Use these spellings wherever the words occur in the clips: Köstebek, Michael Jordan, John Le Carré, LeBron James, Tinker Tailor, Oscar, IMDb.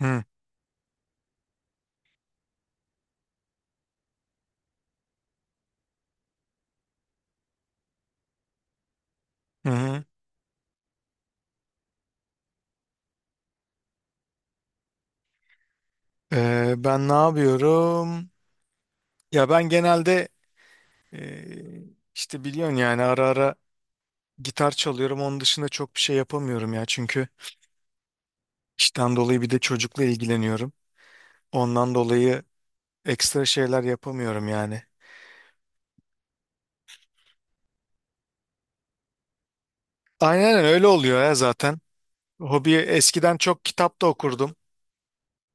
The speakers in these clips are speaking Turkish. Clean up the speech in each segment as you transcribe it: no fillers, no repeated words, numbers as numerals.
Hı hı. Hı. Ben ne yapıyorum? Ya ben genelde, e, işte biliyorsun yani ara ara gitar çalıyorum. Onun dışında çok bir şey yapamıyorum ya. Çünkü işten dolayı bir de çocukla ilgileniyorum. Ondan dolayı ekstra şeyler yapamıyorum yani. Aynen öyle oluyor ya zaten. Hobi eskiden çok kitap da okurdum.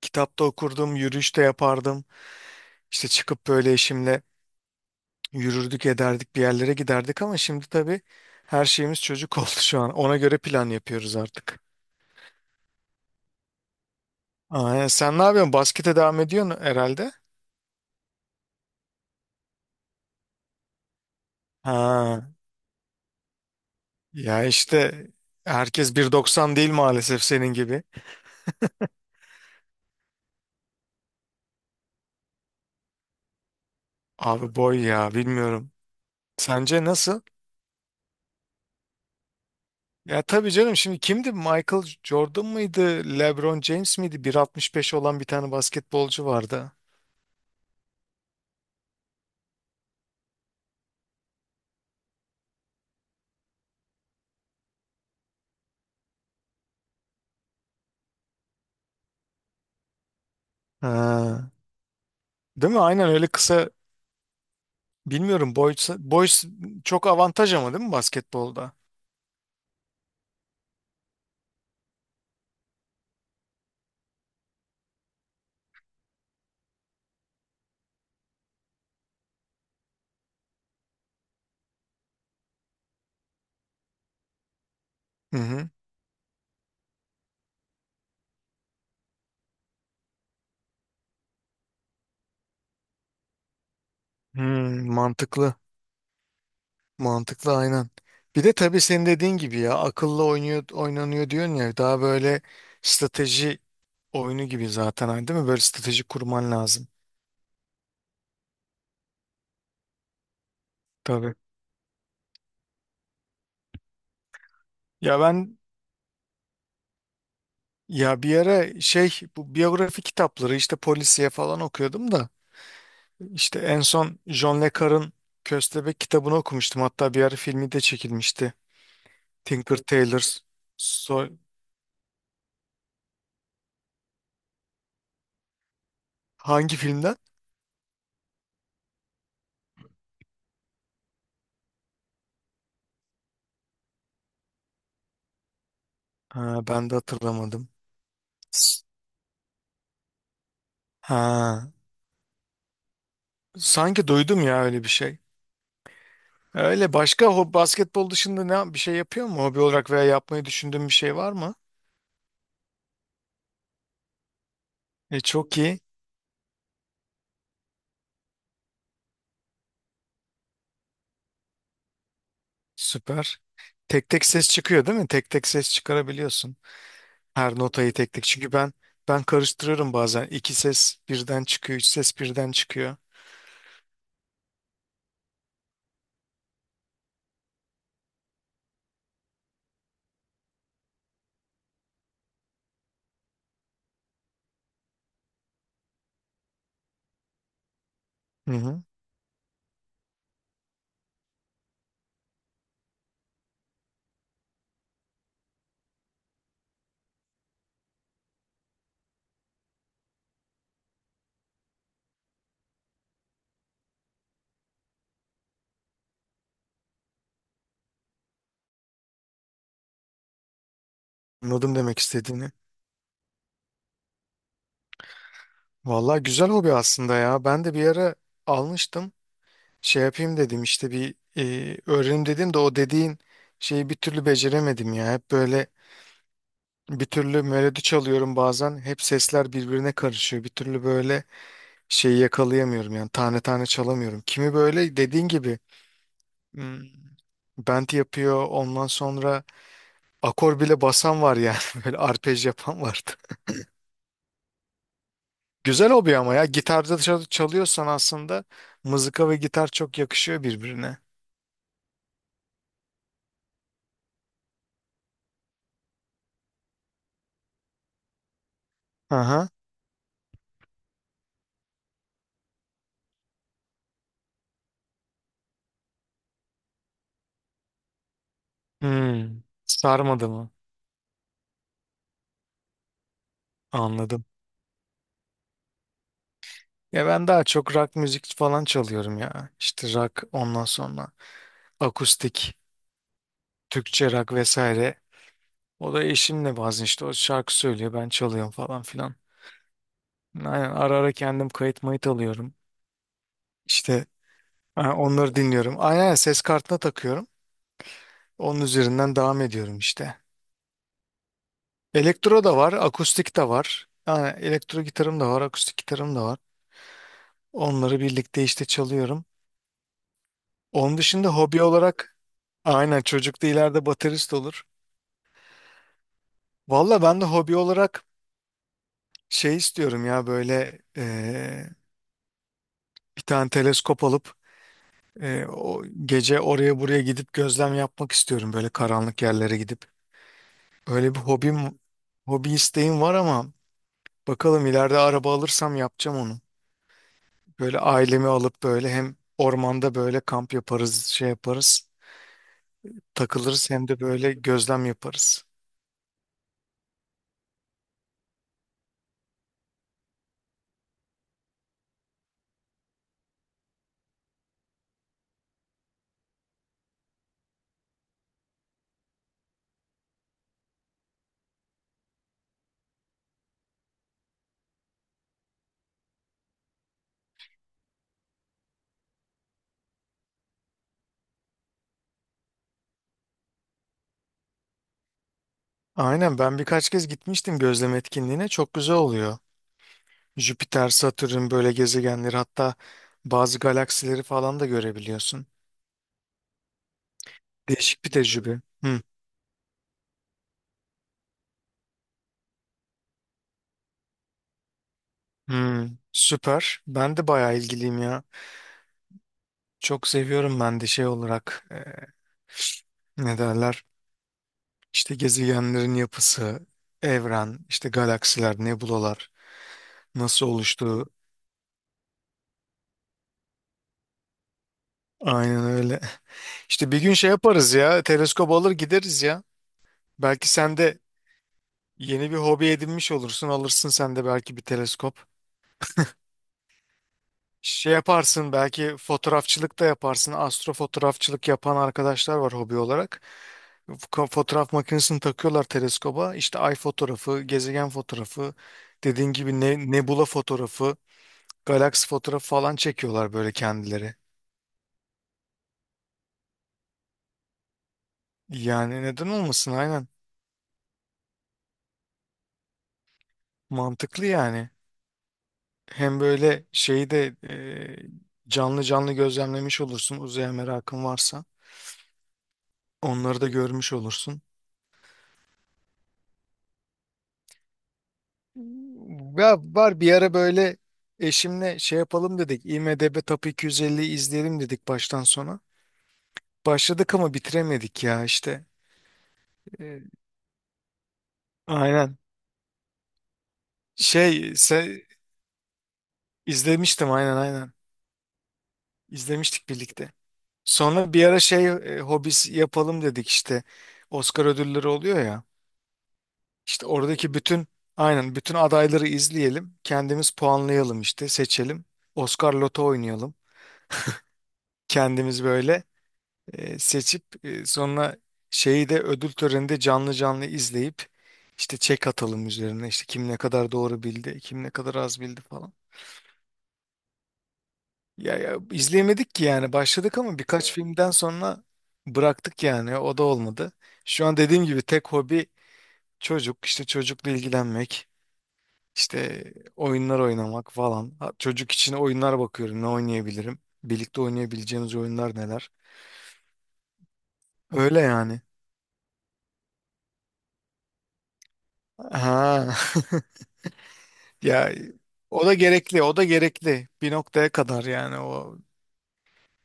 Kitap da okurdum, yürüyüş de yapardım. İşte çıkıp böyle eşimle yürürdük ederdik, bir yerlere giderdik ama şimdi tabii her şeyimiz çocuk oldu şu an. Ona göre plan yapıyoruz artık. Aa, sen ne yapıyorsun? Baskete devam ediyorsun herhalde. Ha, ya işte herkes 1,90 değil maalesef senin gibi. Abi boy ya bilmiyorum. Sence nasıl? Ya tabii canım, şimdi kimdi? Michael Jordan mıydı? LeBron James miydi? 1,65 olan bir tane basketbolcu vardı. Ha, değil mi? Aynen öyle kısa. Bilmiyorum, boy boy çok avantaj ama değil mi basketbolda? Hı hı. Hmm, mantıklı. Mantıklı aynen. Bir de tabii senin dediğin gibi ya, akıllı oynuyor oynanıyor diyorsun ya, daha böyle strateji oyunu gibi zaten hani değil mi? Böyle strateji kurman lazım. Tabii. Ya ben ya bir ara şey, bu biyografi kitapları, işte polisiye falan okuyordum da işte en son John Le Carre'ın Köstebek kitabını okumuştum. Hatta bir ara filmi de çekilmişti. Tinker Tailor. Hangi filmden? Ha, ben de hatırlamadım. Ha, sanki duydum ya öyle bir şey. Basketbol dışında ne bir şey yapıyor mu? Hobi olarak veya yapmayı düşündüğün bir şey var mı? Çok iyi. Süper. Tek tek ses çıkıyor değil mi? Tek tek ses çıkarabiliyorsun. Her notayı tek tek. Çünkü ben karıştırıyorum bazen. İki ses birden çıkıyor, üç ses birden çıkıyor. Hı hı. Anladım demek istediğini. Vallahi güzel hobi aslında ya. Ben de bir ara almıştım. Şey yapayım dedim, işte bir öğrenim dedim de o dediğin şeyi bir türlü beceremedim ya. Hep böyle bir türlü melodi çalıyorum bazen. Hep sesler birbirine karışıyor. Bir türlü böyle şeyi yakalayamıyorum yani, tane tane çalamıyorum. Kimi böyle dediğin gibi hmm, bend yapıyor, ondan sonra akor bile basan var yani böyle arpej yapan vardı. Güzel hobi ama ya, gitarda çalıyorsan aslında mızıka ve gitar çok yakışıyor birbirine. Aha. Hmm. Sarmadı mı? Anladım. Ya ben daha çok rock müzik falan çalıyorum ya. İşte rock, ondan sonra akustik, Türkçe rock vesaire. O da eşimle bazen, işte o şarkı söylüyor, ben çalıyorum falan filan. Aynen, ara ara kendim kayıt mayıt alıyorum. İşte ha, onları dinliyorum. Aynen ses kartına takıyorum. Onun üzerinden devam ediyorum işte. Elektro da var, akustik de var. Yani elektro gitarım da var, akustik gitarım da var. Onları birlikte işte çalıyorum. Onun dışında hobi olarak, aynen, çocuk da ileride baterist olur. Valla ben de hobi olarak şey istiyorum ya, böyle bir tane teleskop alıp o gece oraya buraya gidip gözlem yapmak istiyorum, böyle karanlık yerlere gidip. Öyle bir hobim, hobi isteğim var ama bakalım ileride araba alırsam yapacağım onu. Böyle ailemi alıp, böyle hem ormanda böyle kamp yaparız, şey yaparız, takılırız, hem de böyle gözlem yaparız. Aynen, ben birkaç kez gitmiştim gözlem etkinliğine, çok güzel oluyor. Jüpiter, Satürn böyle gezegenleri, hatta bazı galaksileri falan da görebiliyorsun. Değişik bir tecrübe. Hı. Hı. Süper. Ben de bayağı ilgiliyim ya. Çok seviyorum ben de, şey olarak, ne derler? İşte gezegenlerin yapısı, evren, işte galaksiler, nebulalar nasıl oluştuğu. Aynen öyle. İşte bir gün şey yaparız ya. Teleskop alır gideriz ya. Belki sen de yeni bir hobi edinmiş olursun. Alırsın sen de belki bir teleskop. Şey yaparsın, belki fotoğrafçılık da yaparsın. Astrofotoğrafçılık yapan arkadaşlar var hobi olarak. Fotoğraf makinesini takıyorlar teleskoba. İşte ay fotoğrafı, gezegen fotoğrafı, dediğin gibi ne, nebula fotoğrafı, galaksi fotoğrafı falan çekiyorlar böyle kendileri. Yani neden olmasın, aynen. Mantıklı yani. Hem böyle şeyi de canlı canlı gözlemlemiş olursun uzaya merakın varsa. Onları da görmüş olursun. Ya var bir ara böyle, eşimle şey yapalım dedik. IMDb Top 250'yi izleyelim dedik baştan sona. Başladık ama bitiremedik ya işte. Ee, aynen. Şey se- izlemiştim aynen aynen. İzlemiştik birlikte. Sonra bir ara şey, hobis yapalım dedik işte. Oscar ödülleri oluyor ya. İşte oradaki bütün, aynen, bütün adayları izleyelim. Kendimiz puanlayalım, işte seçelim. Oscar Loto oynayalım. Kendimiz böyle seçip sonra şeyi de ödül töreninde canlı canlı izleyip işte çek atalım üzerine, işte kim ne kadar doğru bildi, kim ne kadar az bildi falan. Ya, ya izleyemedik ki yani, başladık ama birkaç, evet, filmden sonra bıraktık yani, o da olmadı. Şu an dediğim gibi tek hobi çocuk, işte çocukla ilgilenmek, işte oyunlar oynamak falan. Ha, çocuk için oyunlar bakıyorum ne oynayabilirim. Birlikte oynayabileceğimiz oyunlar neler. Öyle yani. Ha. Ya, o da gerekli, o da gerekli. Bir noktaya kadar yani, o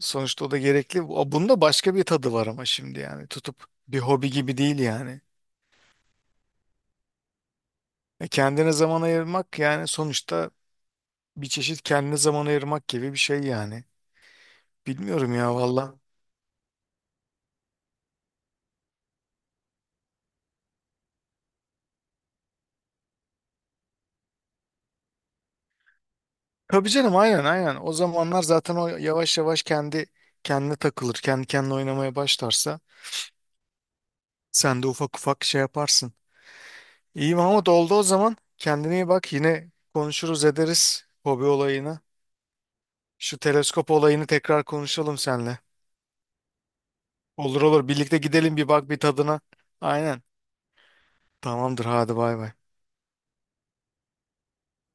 sonuçta o da gerekli. O bunda başka bir tadı var ama şimdi yani, tutup bir hobi gibi değil yani. Kendine zaman ayırmak yani sonuçta, bir çeşit kendine zaman ayırmak gibi bir şey yani. Bilmiyorum ya valla. Tabii canım, aynen aynen. O zamanlar zaten o yavaş yavaş kendi kendine takılır. Kendi kendine oynamaya başlarsa sen de ufak ufak şey yaparsın. İyi Mahmut oldu o zaman. Kendine iyi bak, yine konuşuruz ederiz hobi olayına. Şu teleskop olayını tekrar konuşalım seninle. Olur olur birlikte gidelim bir, bak bir tadına. Aynen. Tamamdır hadi bay bay.